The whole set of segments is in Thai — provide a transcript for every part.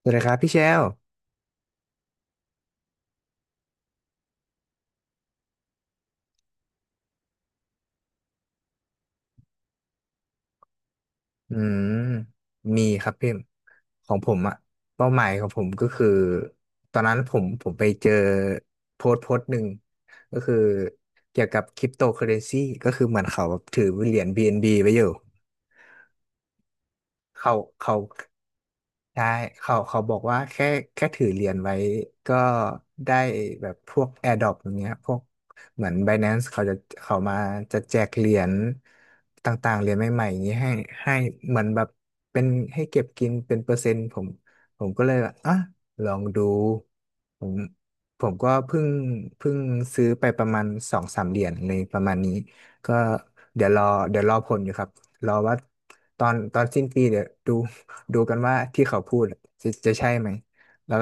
สวัสดีครับพี่เชลอืมมีครับพี่ ของผมอะเป้าหมายของผมก็คือ ตอนนั้นผมไปเจอโพสต์หนึ่ง ก็คือเกี่ยวกับคริปโตเคอเรนซีก็คือเหมือนเขาแบบถือเหรียญ BNB ไว้อยู่ เขาเขาใช่เขาบอกว่าแค่ถือเหรียญไว้ก็ได้แบบพวก AirDrop อย่างเงี้ยพวกเหมือน Binance เขาจะเขามาจะแจกเหรียญต่างๆเหรียญใหม่ๆอย่างนี้ให้ให้เหมือนแบบเป็นให้เก็บกินเป็นเปอร์เซ็นต์ผมก็เลยแบบอ่ะลองดูผมก็เพิ่งซื้อไปประมาณสองสามเหรียญเลยประมาณนี้ก็เดี๋ยวรอเดี๋ยวรอผลอยู่ครับ รอว่าตอนสิ้นปีเดี๋ยวดู ดูกันว่าที่เขาพูดอะจะใช่ไหมแล้ว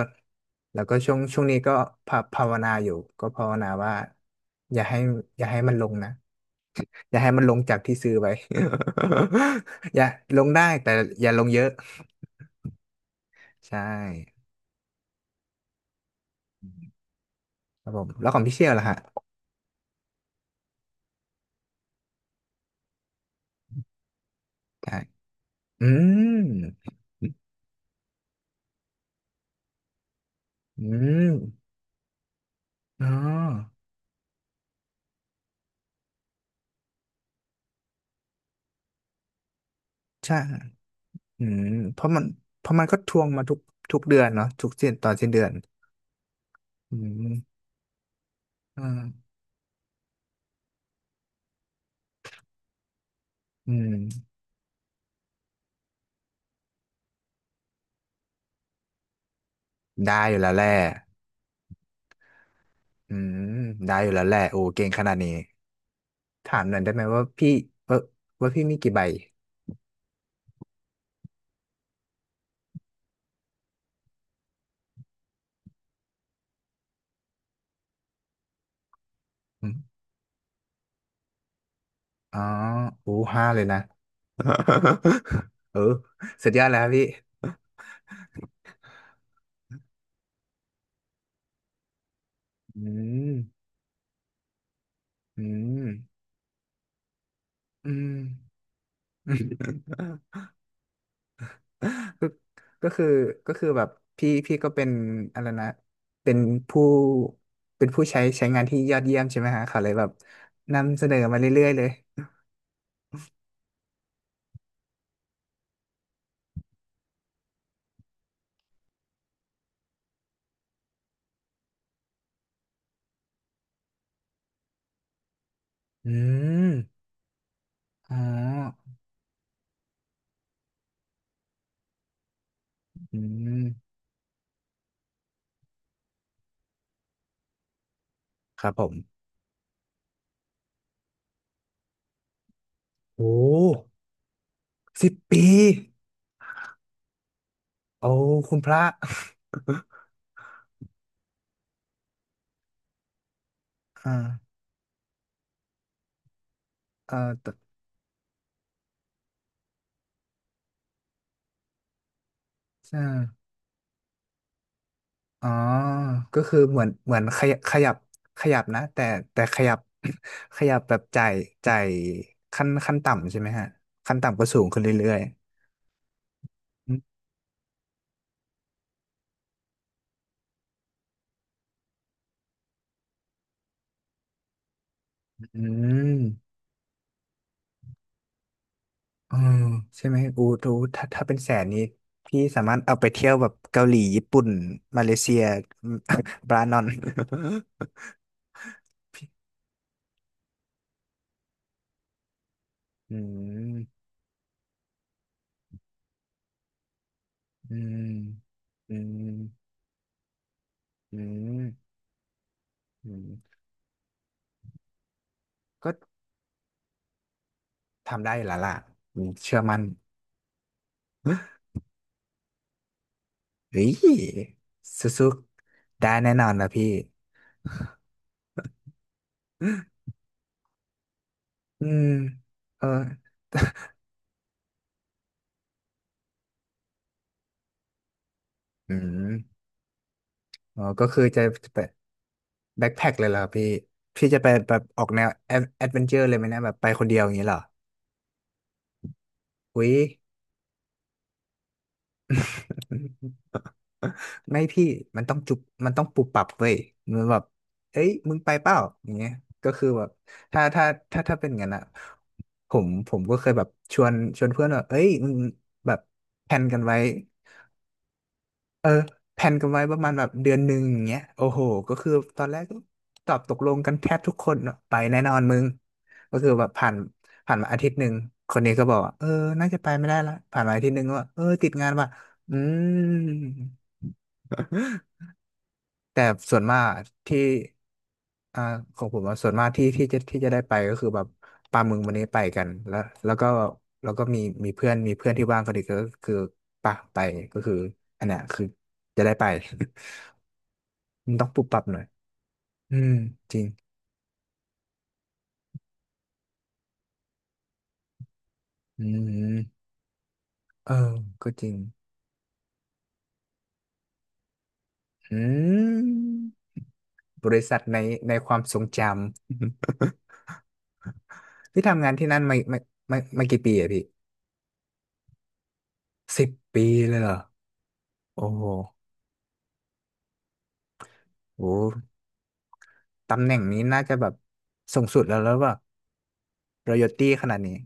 แล้วก็ช่วงนี้ก็ภาวนาอยู่ก็ภาวนาว่าอย่าให้อย่าให้มันลงนะอย่าให้มันลงจากที่ซื้อไว้ อย่าลงได้แต่อย่าลงเยอะใช่ครับผมแล้วของพี่เชี่ยวล่ะฮะใช่อืมอืมอ๋อใช่อืมเพราะมันเพราะมันก็ทวงมาทุกเดือนเนาะทุกสิ้นตอนสิ้นเดือนอืม อ่าอืมได้อยู่แล้วแหละอืมได้อยู่แล้วแหละโอ้เก่งขนาดนี้ถามหน่อยได้ไหมว่าพี่เออว่าพี่มีกี่ใบอืมอ๋อโอ้ห้าเลยนะ เออสุดยอดแล้วครับพี่อืมอืมอืม ก็ก็คือก็คือแบบพี่ก็เป็นอะไรนะเป็นผู้เป็นผู้ใช้งานที่ยอดเยี่ยมใช่ไหมฮะเขาเลยแบบนำเสนอมาเรื่อยๆเลยอืม อ๋ออืมครับผม โอ้ สิบปีโอ้คุณพระอ่าเออแต่ใช่อ๋อ ก็คือเหมือนขยับนะแต่ขยับ ขยับแบบจ่ายขั้นต่ำใช่ไหมฮะขั้นต่ำก็สูงขึ้นเรื่อยๆอืมเออใช่ไหมอูดูถ้าเป็นแสนนี้พี่สามารถเอาไปเที่ยวแบบเกาหลีญี่ปุ่นมาเลเซีย บรานอน อืม อืมอืมอืมอืมก็ทำได้อยู่แล้วล่ะอืมเชื่อมั่นเฮ้ยสู้ๆได้แน่นอนนะพี่ อืมเอออืมอ๋อก็คือจะไปแบ็คแพ็คเลยเหรอพี่พี่จะไปแบบออกแนวแอดเวนเจอร์เลยไหมเนะแบบไปคนเดียวอย่างนี้เหรออุ้ย ไม่พี่มันต้องจุบมันต้องปรับเว้ยมันแบบเอ้ยมึงไปเปล่าอย่างเงี้ยก็คือแบบถ้าถ้าถ้าเป็นงั้นอะผมก็เคยแบบชวนเพื่อนว่าเอ้ยมึงแบบแพลนกันไว้เออแพลนกันไว้ประมาณแบบเดือนหนึ่งอย่างเงี้ยโอ้โหก็คือตอนแรกก็ตอบตกลงกันแทบทุกคนอะไปแน่นอนมึงก็คือแบบผ่านมาอาทิตย์หนึ่งคนนี้ก็บอกว่าเออน่าจะไปไม่ได้ละผ่านมาอาทิตย์หนึ่งก็ว่าเออติดงานว่ะอืม แต่ส่วนมากที่อ่าของผมอะส่วนมากที่จะได้ไปก็คือแบบปลาหมึกวันนี้ไปกันแล้วแล้วก็แล้วก็มีมีเพื่อนที่ว่างกนอีกก็คือปะไปก็คืออันเนี้ยคือจะได้ไป มันต้องปรับหน่อยอืมจริงอืมเออก็จริงอืมบริษัทในในความทรงจำ พี่ทำงานที่นั่นมามากี่ปีอะพี่สิบปีเลยเหรอโอ้โหโอ้ ตำแหน่งนี้น่าจะแบบสูงสุดแล้วแล้วแบบรอยัลตี้ขนาดนี้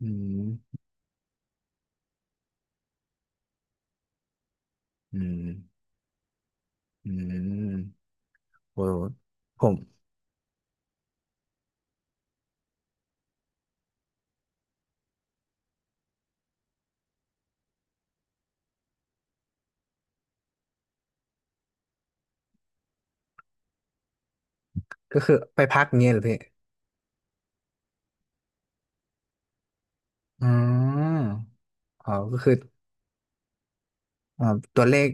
อืม อืมอืมโอ้ผมก็คือไปพักเงี้ยเหรอพี่อืมอ๋อก็คืออ่าตัวเลข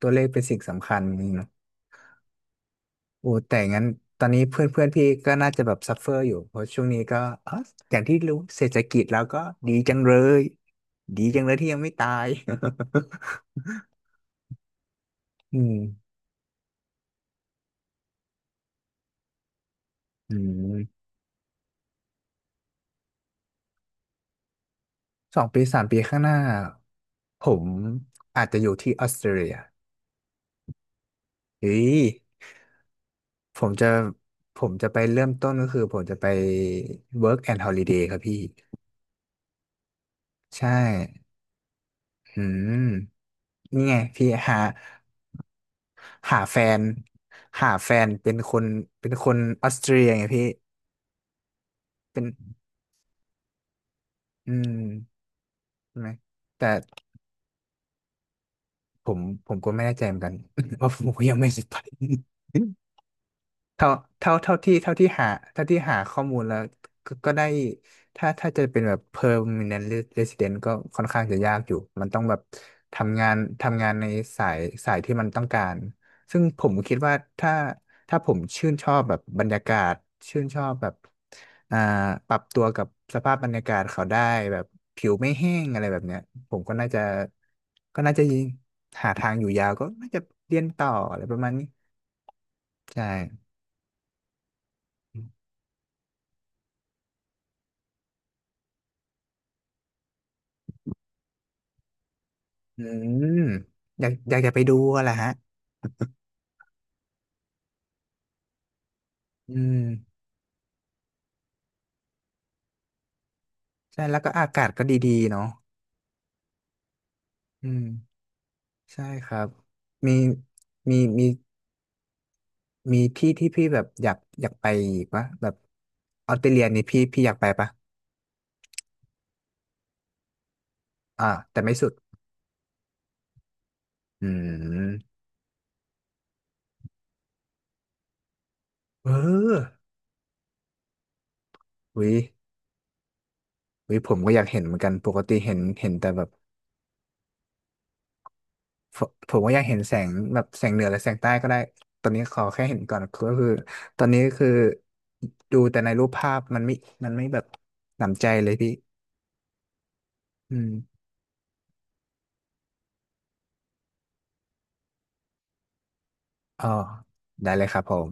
ตัวเลขเป็นสิ่งสำคัญนี่เนาะโอ้แต่งั้นตอนนี้เพื่อนเพื่อนพี่ก็น่าจะแบบซัฟเฟอร์อยู่เพราะช่วงนี้ก็อ๋ออย่างที่รู้เศรษฐกิจแล้วก็ดีจังเลย ดีจังเลยที่ยังไม่ตาย อืมอืมสองปีสามปีข้างหน้า ผมอาจจะอยู่ที่ออสเตรเลียเฮ้ยผมจะผมจะไปเริ่มต้นก็คือผมจะไป work and holiday ครับพี่ ใช่อืมนี่ไงพี่หาแฟนเป็นคนเป็นคนออสเตรเลียไงพี่เป็นอืมใช่ไหม แต่ผมก็ไม่แน่ใจเหมือนกัน ว่าผมก็ยังไม่ได้ไป เท่าเท่าที่หาเท่าที่หาข้อมูลแล้วก็ก็ได้ถ้าจะเป็นแบบ permanent resident ก็ค่อนข้างจะยากอยู่มันต้องแบบทำงานทำงานในสายสายที่มันต้องการซึ่งผมคิดว่าถ้าถ้าผมชื่นชอบแบบบรรยากาศชื่นชอบแบบอ่าปรับตัวกับสภาพบรรยากาศเขาได้แบบผิวไม่แห้งอะไรแบบเนี้ยผมก็น่าจะก็น่าจะหาทางอยู่ยาวก็น่าจะเรียนต่ออะไรประมาณนี้ใช่ อืมอยากจะไปดูอะแหละฮะอืมใช่แล้วก็อากาศก็ดีๆเนาะอืมใช่ครับมีมีมีมีที่ที่พี่แบบอยากไปอีกปะแบบออสเตรเลียนี่พี่อยากไปปะอ่าแต่ไม่สุด อืมเออวิวิผมก็อยากเห็นเหมือนกันปกติเห็นแต่แบบ ผมว่าอยากเห็นแสงแบบแสงเหนือหรือแสงใต้ก็ได้ ตอนนี้ขอแค่เห็นก่อนก็คือตอนนี้คือดูแต่ในรูปภาพมันไม่มันไม่แบบหนำใจเลยพี่อืมอ๋อได้เลยครับผม